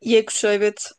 Y kuşağı, evet.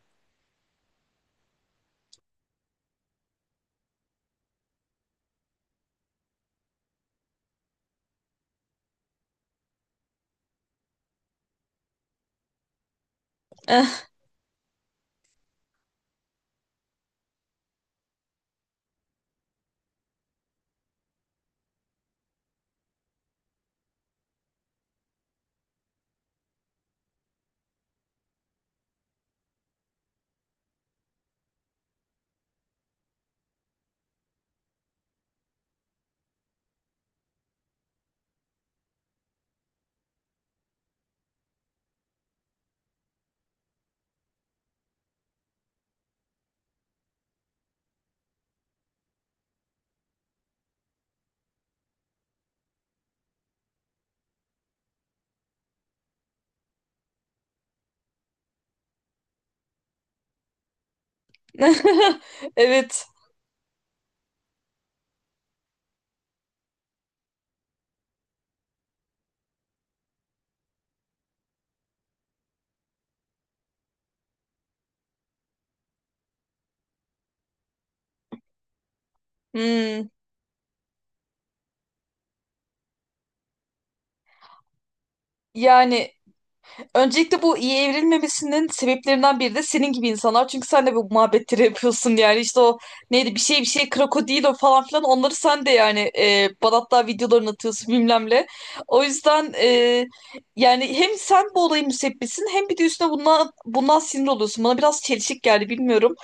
Evet. Hmm. Yani Öncelikle bu iyi evrilmemesinin sebeplerinden biri de senin gibi insanlar. Çünkü sen de bu muhabbetleri yapıyorsun, yani işte o neydi, bir şey krokodilo falan filan, onları sen de, bana hatta videolarını atıyorsun bilmem ne. O yüzden, yani hem sen bu olayın müsebbisin, hem bir de üstüne bundan sinir oluyorsun. Bana biraz çelişik geldi, bilmiyorum.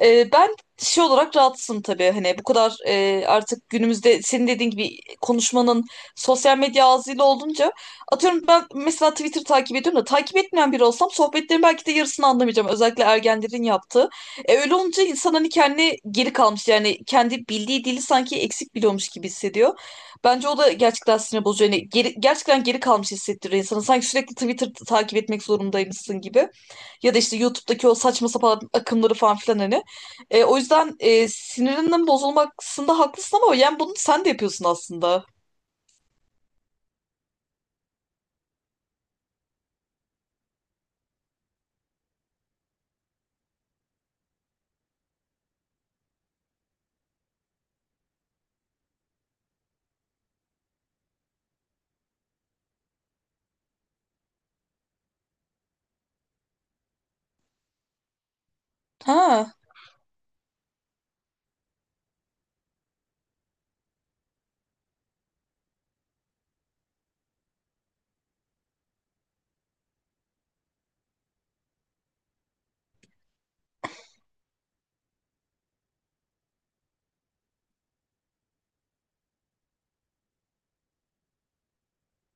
Ben şey olarak rahatsızım tabii, hani bu kadar, artık günümüzde senin dediğin gibi konuşmanın sosyal medya ağzıyla olunca, atıyorum ben mesela Twitter takip ediyorum da, takip etmeyen biri olsam sohbetlerin belki de yarısını anlamayacağım, özellikle ergenlerin yaptığı. Öyle olunca insan hani kendi geri kalmış, yani kendi bildiği dili sanki eksik biliyormuş gibi hissediyor. Bence o da gerçekten sinir bozucu. Yani gerçekten geri kalmış hissettiriyor insanı. Sanki sürekli Twitter takip etmek zorundaymışsın gibi. Ya da işte YouTube'daki o saçma sapan akımları falan filan, hani. O yüzden, sinirinin bozulmasında haklısın, ama yani bunu sen de yapıyorsun aslında. Ha.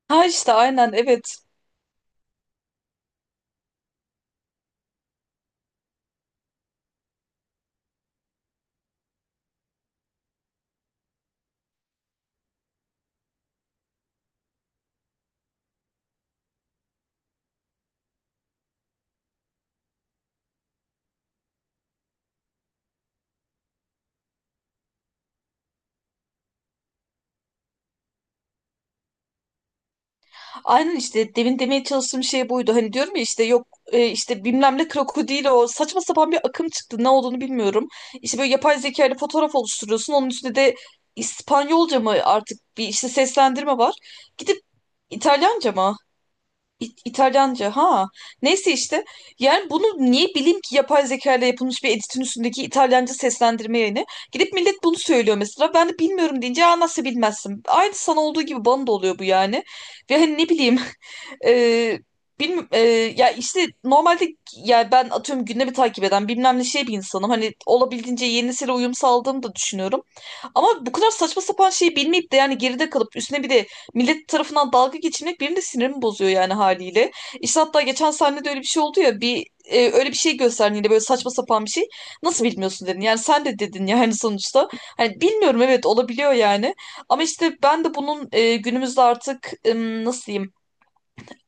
Ha işte, aynen, evet. Aynen, işte demin demeye çalıştığım şey buydu. Hani diyorum ya, işte yok, işte bilmem ne krokodil, o saçma sapan bir akım çıktı. Ne olduğunu bilmiyorum. İşte böyle yapay zeka ile fotoğraf oluşturuyorsun. Onun üstüne de İspanyolca mı artık, bir işte seslendirme var. Gidip İtalyanca mı? İtalyanca ha. Neyse işte. Yani bunu niye bileyim ki, yapay zeka ile yapılmış bir editin üstündeki İtalyanca seslendirme yayını. Gidip millet bunu söylüyor mesela. Ben de bilmiyorum deyince, "Aa, nasıl bilmezsin." Aynı sana olduğu gibi bana da oluyor bu yani. Ve hani, ne bileyim. E, bilmi- e, Ya işte normalde, ya ben atıyorum gündemi takip eden, bilmem ne şey, bir insanım. Hani olabildiğince yenisiyle uyum sağladığımı da düşünüyorum. Ama bu kadar saçma sapan şeyi bilmeyip de, yani geride kalıp üstüne bir de millet tarafından dalga geçilmek benim de sinirimi bozuyor yani, haliyle. İşte hatta geçen sahnede öyle bir şey oldu ya, öyle bir şey gösterdin, yine böyle saçma sapan bir şey. Nasıl bilmiyorsun dedin. Yani sen de dedin yani, sonuçta. Hani bilmiyorum, evet, olabiliyor yani. Ama işte ben de bunun, günümüzde artık, nasıl diyeyim,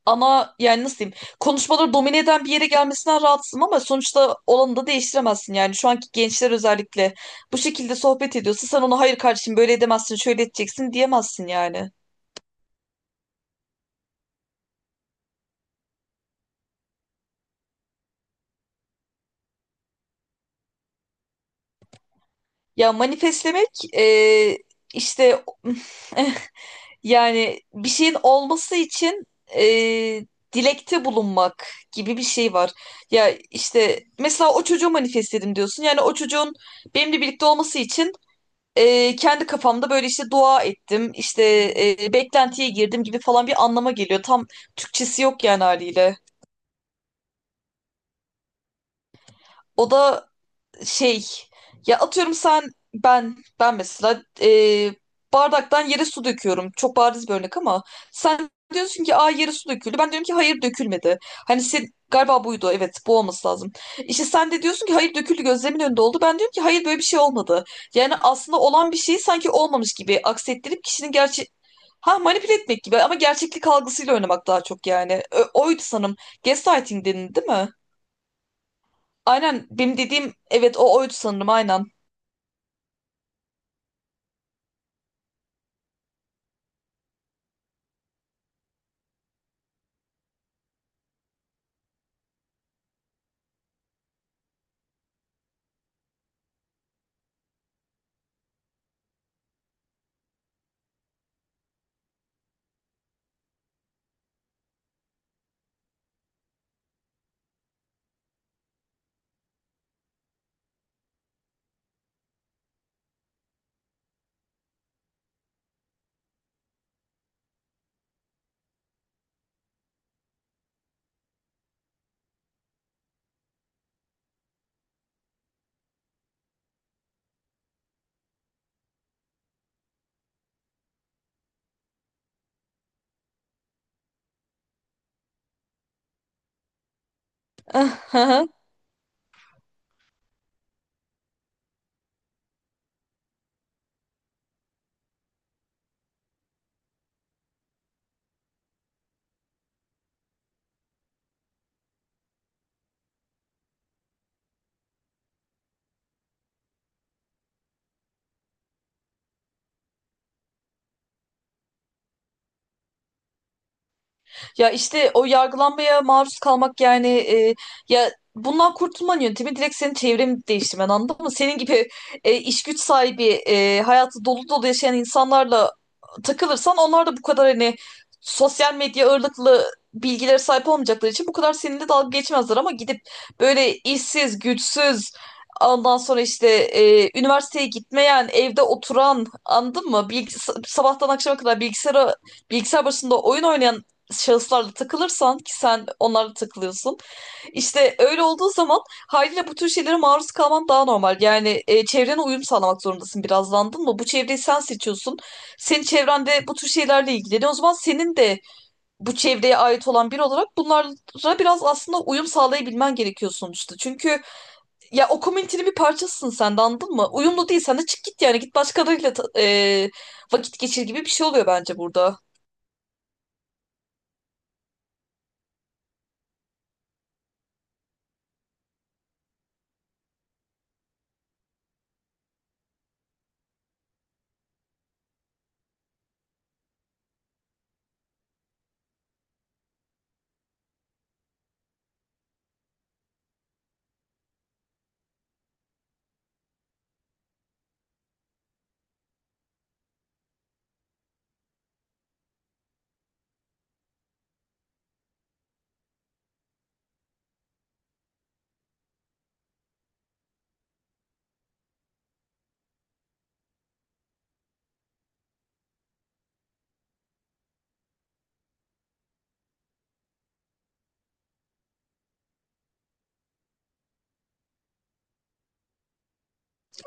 yani nasıl diyeyim, konuşmaları domine eden bir yere gelmesinden rahatsızım, ama sonuçta olanı da değiştiremezsin yani. Şu anki gençler özellikle bu şekilde sohbet ediyorsa, sen ona "hayır kardeşim, böyle edemezsin, şöyle edeceksin" diyemezsin yani. Ya manifestlemek, e, işte, yani bir şeyin olması için, e, dilekte bulunmak gibi bir şey var. Ya işte mesela, "o çocuğu manifestledim" diyorsun. Yani o çocuğun benimle birlikte olması için, kendi kafamda böyle işte dua ettim, işte, beklentiye girdim gibi falan bir anlama geliyor. Tam Türkçesi yok yani, haliyle. O da şey, ya atıyorum sen, ben mesela, bardaktan yere su döküyorum. Çok bariz bir örnek ama, sen diyorsun ki "aa, yere su döküldü." Ben diyorum ki "hayır, dökülmedi." Hani sen, galiba buydu, evet, bu olması lazım. İşte sen de diyorsun ki "hayır, döküldü, gözlemin önünde oldu." Ben diyorum ki "hayır, böyle bir şey olmadı." Yani aslında olan bir şeyi sanki olmamış gibi aksettirip kişinin gerçek— Ha, manipüle etmek gibi ama gerçeklik algısıyla oynamak daha çok yani. Oydu sanırım. Gaslighting denildi değil mi? Aynen, benim dediğim evet, o oydu sanırım, aynen. Aha. Ya işte o yargılanmaya maruz kalmak yani, ya bundan kurtulmanın yöntemi direkt senin çevreni değiştirmen, anladın mı? Senin gibi, iş güç sahibi, hayatı dolu dolu yaşayan insanlarla takılırsan, onlar da bu kadar hani sosyal medya ağırlıklı bilgilere sahip olmayacakları için bu kadar seninle dalga geçmezler. Ama gidip böyle işsiz, güçsüz, ondan sonra işte, üniversiteye gitmeyen, evde oturan, anladın mı, sabahtan akşama kadar bilgisayar başında oyun oynayan şahıslarla takılırsan, ki sen onlarla takılıyorsun. İşte öyle olduğu zaman haliyle bu tür şeylere maruz kalman daha normal. Yani, çevrene uyum sağlamak zorundasın biraz da, anladın mı? Bu çevreyi sen seçiyorsun. Senin çevrende bu tür şeylerle ilgileniyor. O zaman senin de bu çevreye ait olan biri olarak bunlara biraz aslında uyum sağlayabilmen gerekiyor sonuçta. Çünkü ya o komünitenin bir parçasısın sen de, anladın mı? Uyumlu değil sen de, çık git yani, git başkalarıyla vakit geçir gibi bir şey oluyor bence burada.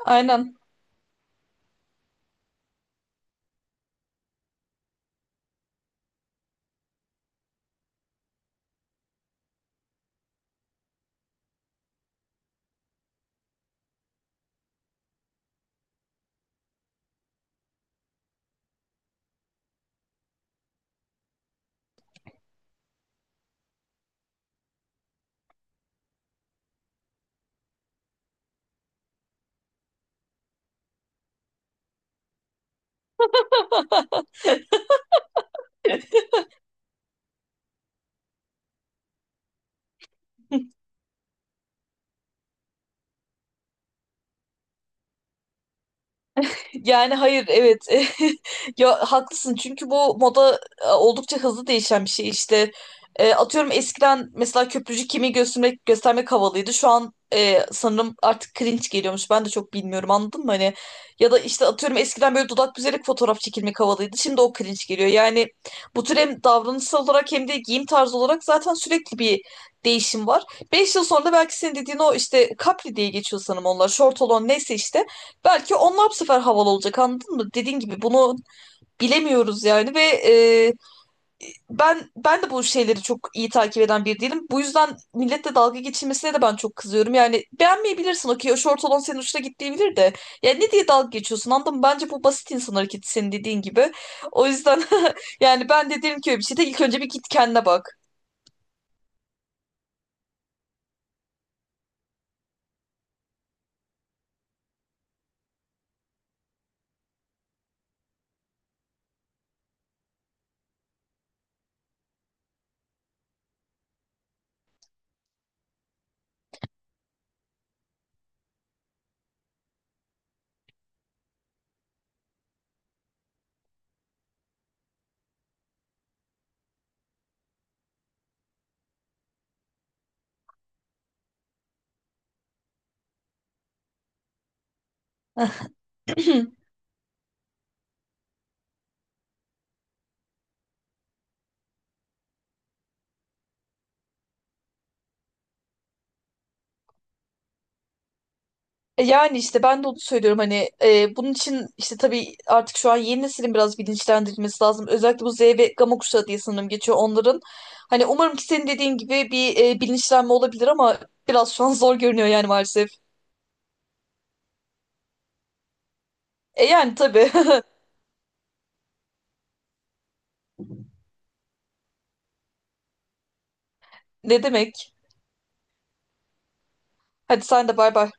Aynen. Yani hayır, evet, ya haklısın, çünkü bu moda, oldukça hızlı değişen bir şey işte. Atıyorum eskiden mesela köprücük kemiği göstermek havalıydı, şu an, sanırım artık cringe geliyormuş, ben de çok bilmiyorum, anladın mı, hani. Ya da işte atıyorum eskiden böyle dudak büzerek fotoğraf çekilmek havalıydı, şimdi o cringe geliyor yani. Bu tür hem davranışsal olarak hem de giyim tarzı olarak zaten sürekli bir değişim var. 5 yıl sonra da belki senin dediğin, o işte capri diye geçiyor sanırım, onlar short olan, neyse işte. Belki onlar bu sefer havalı olacak, anladın mı? Dediğin gibi bunu bilemiyoruz yani. Ve, e, ben de bu şeyleri çok iyi takip eden biri değilim. Bu yüzden milletle dalga geçilmesine de ben çok kızıyorum. Yani beğenmeyebilirsin, okey, o şort olan senin hoşuna gitmeyebilir de. Yani ne diye dalga geçiyorsun, anladın mı? Bence bu basit insan hareketi, senin dediğin gibi. O yüzden yani ben de derim ki, öyle bir şeyde ilk önce bir git kendine bak. Yani işte ben de onu söylüyorum hani, bunun için işte tabii artık şu an yeni neslin biraz bilinçlendirilmesi lazım. Özellikle bu Z ve Gama kuşağı diye sanırım geçiyor onların. Hani umarım ki senin dediğin gibi bir, bilinçlenme olabilir, ama biraz şu an zor görünüyor yani, maalesef. E yani tabii. Ne demek. Hadi sen de, bay bay.